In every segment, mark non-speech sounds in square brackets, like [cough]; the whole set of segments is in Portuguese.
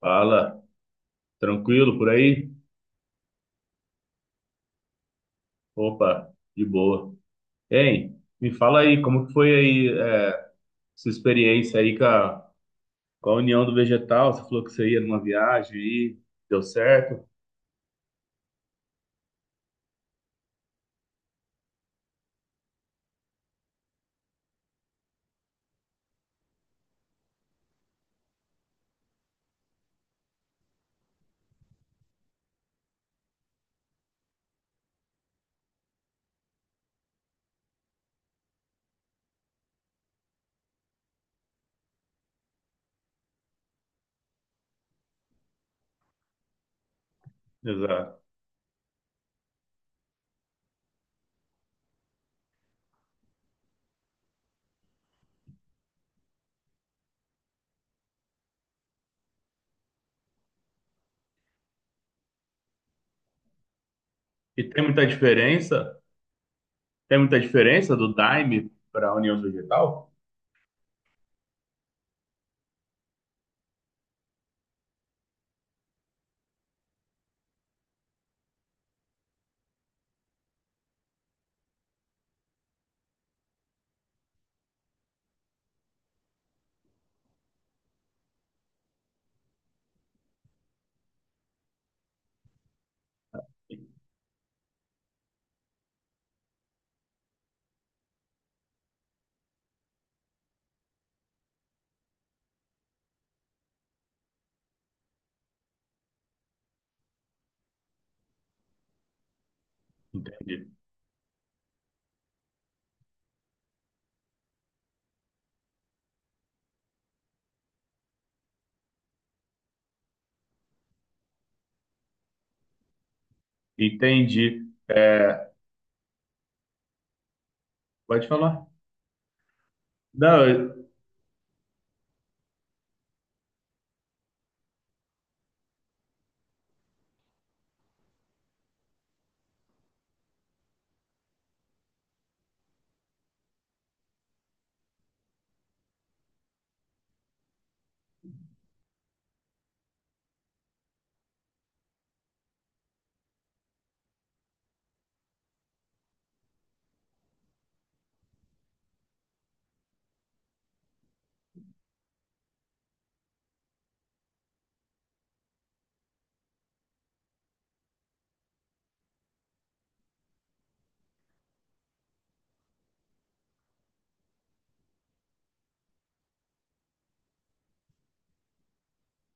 Fala, tranquilo por aí? Opa, de boa. Hein, me fala aí, como que foi aí, sua experiência aí com a União do Vegetal? Você falou que você ia numa viagem aí, deu certo? Exato. E tem muita diferença? Tem muita diferença do Daime para a União do Vegetal? Entendi. Entendi. É, pode falar? Não, eu-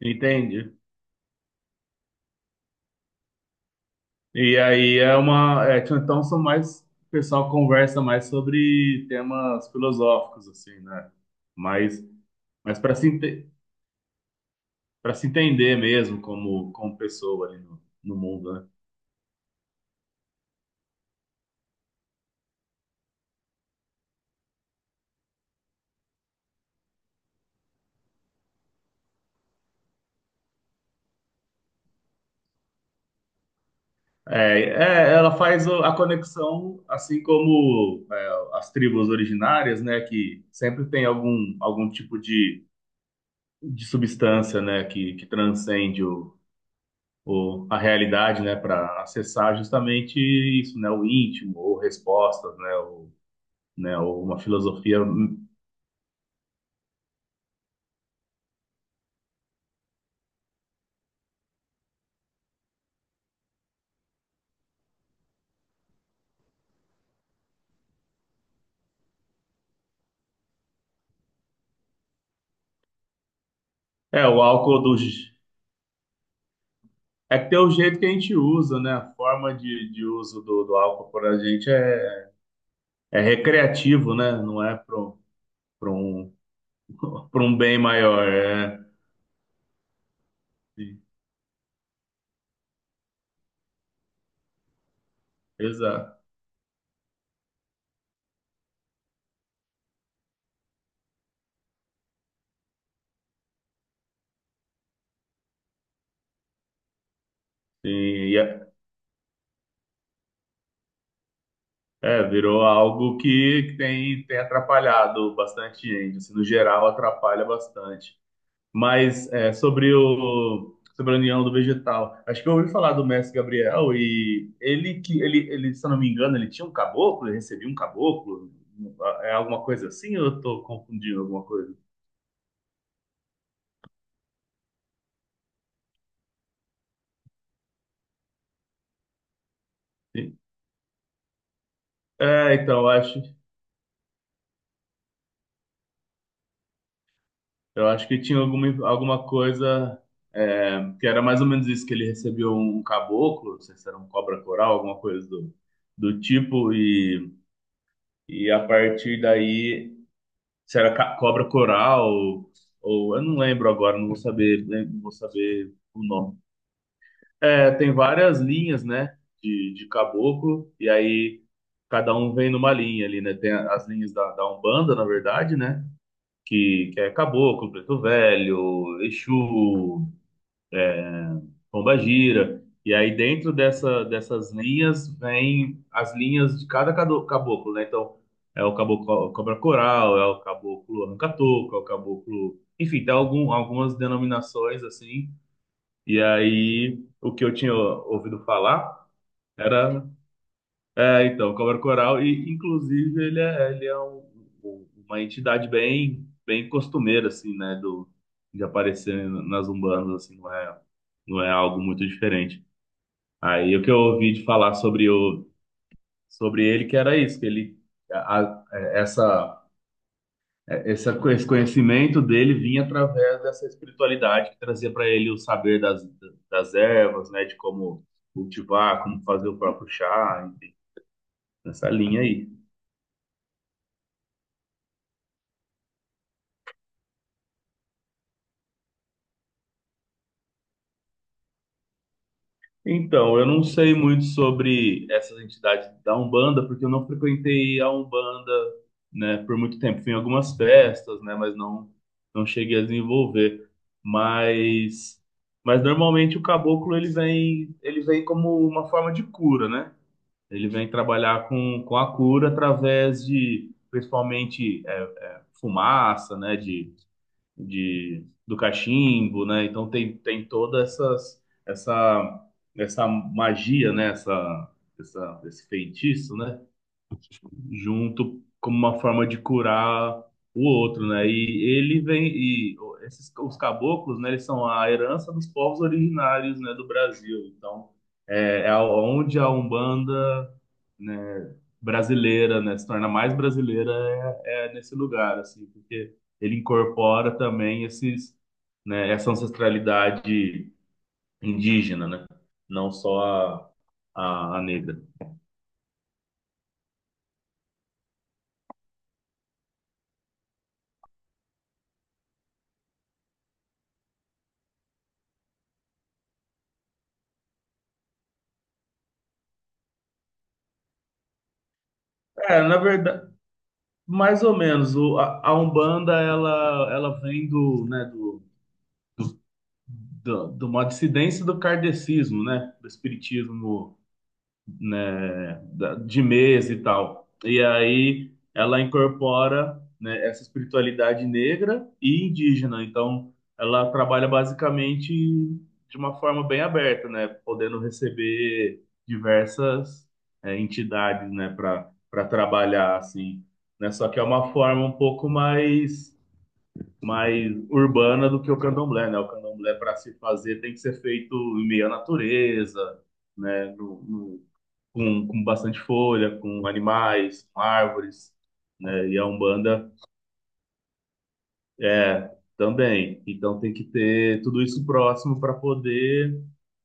entendi. E aí é uma. É, então são mais. O pessoal conversa mais sobre temas filosóficos, assim, né? Mas, mas para se, para se entender mesmo como pessoa ali no mundo, né? Ela faz a conexão, assim como é, as tribos originárias, né? Que sempre tem algum tipo de substância, né? Que transcende o, a realidade, né, para acessar justamente isso, né, o íntimo, ou respostas, né, ou, né, ou uma filosofia. É, o álcool do. É que tem o jeito que a gente usa, né? A forma de uso do álcool para a gente é recreativo, né? Não é para um, [laughs] pra um bem maior. É, sim, exato. Sim, e é, é, virou algo que tem, tem atrapalhado bastante gente. Assim, no geral, atrapalha bastante. Mas é, sobre o sobre a União do Vegetal, acho que eu ouvi falar do mestre Gabriel e ele que ele, se eu não me engano, ele tinha um caboclo, ele recebia um caboclo, é alguma coisa assim? Ou eu estou confundindo alguma coisa? Sim. É, então eu acho eu acho que tinha alguma coisa, é, que era mais ou menos isso, que ele recebeu um caboclo, não sei se era um cobra coral, alguma coisa do do tipo, e a partir daí, se era cobra coral ou eu não lembro agora, não vou saber, né, não vou saber o nome. É, tem várias linhas, né, de caboclo, e aí cada um vem numa linha ali, né? Tem as linhas da, da Umbanda, na verdade, né? Que é caboclo, preto velho, Exu, Pomba Gira. E aí dentro dessa, dessas linhas vem as linhas de cada caboclo, né? Então é o caboclo cobra coral, é o caboclo arranca-toco, é o caboclo, enfim, tem algumas denominações assim. E aí o que eu tinha ouvido falar era, é, então, cobra coral, e inclusive ele é uma entidade bem bem costumeira assim, né? Do de aparecer nas umbandas assim, não é não é algo muito diferente. Aí o que eu ouvi de falar sobre o sobre ele que era isso, que ele a, a- essa essa esse conhecimento dele vinha através dessa espiritualidade que trazia para ele o saber das das ervas, né, de como cultivar, como fazer o próprio chá, enfim, nessa linha aí. Então, eu não sei muito sobre essas entidades da Umbanda, porque eu não frequentei a Umbanda, né, por muito tempo. Fui em algumas festas, né, mas não não cheguei a desenvolver. Mas mas normalmente o caboclo ele vem, ele vem como uma forma de cura, né? Ele vem trabalhar com a cura através de, principalmente, é, fumaça, né, do cachimbo, né? Então tem, tem toda essa, essa magia, né? Essa, esse feitiço, né? Junto como uma forma de curar o outro, né? E ele vem e esses os caboclos, né? Eles são a herança dos povos originários, né, do Brasil. Então, é, é onde a Umbanda, né, brasileira, né, se torna mais brasileira, é, é nesse lugar, assim, porque ele incorpora também esses, né, essa ancestralidade indígena, né? Não só a negra. É, na verdade, mais ou menos, a Umbanda, ela vem do, né, do, de uma dissidência do kardecismo, né? Do espiritismo, né, de mesa e tal. E aí ela incorpora, né, essa espiritualidade negra e indígena. Então, ela trabalha basicamente de uma forma bem aberta, né, podendo receber diversas, é, entidades, né, para para trabalhar assim, né? Só que é uma forma um pouco mais mais urbana do que o candomblé, né? O candomblé para se fazer tem que ser feito em meio à natureza, né? Com bastante folha, com animais, com árvores, né? E a Umbanda é também. Então tem que ter tudo isso próximo para poder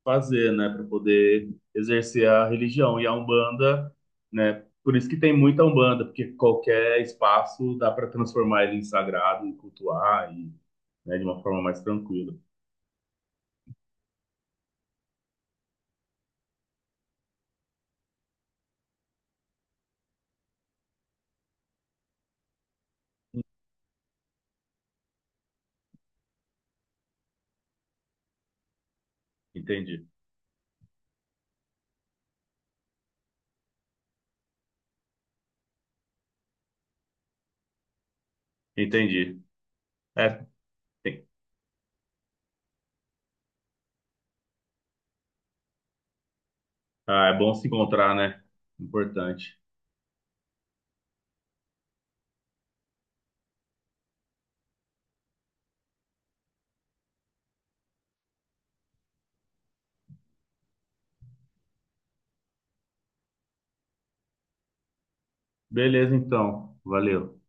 fazer, né? Para poder exercer a religião. E a Umbanda, né? Por isso que tem muita Umbanda, porque qualquer espaço dá para transformar ele em sagrado e cultuar e, né, de uma forma mais tranquila. Entendi. Entendi. É, tem- ah, é bom se encontrar, né? Importante. Beleza, então. Valeu.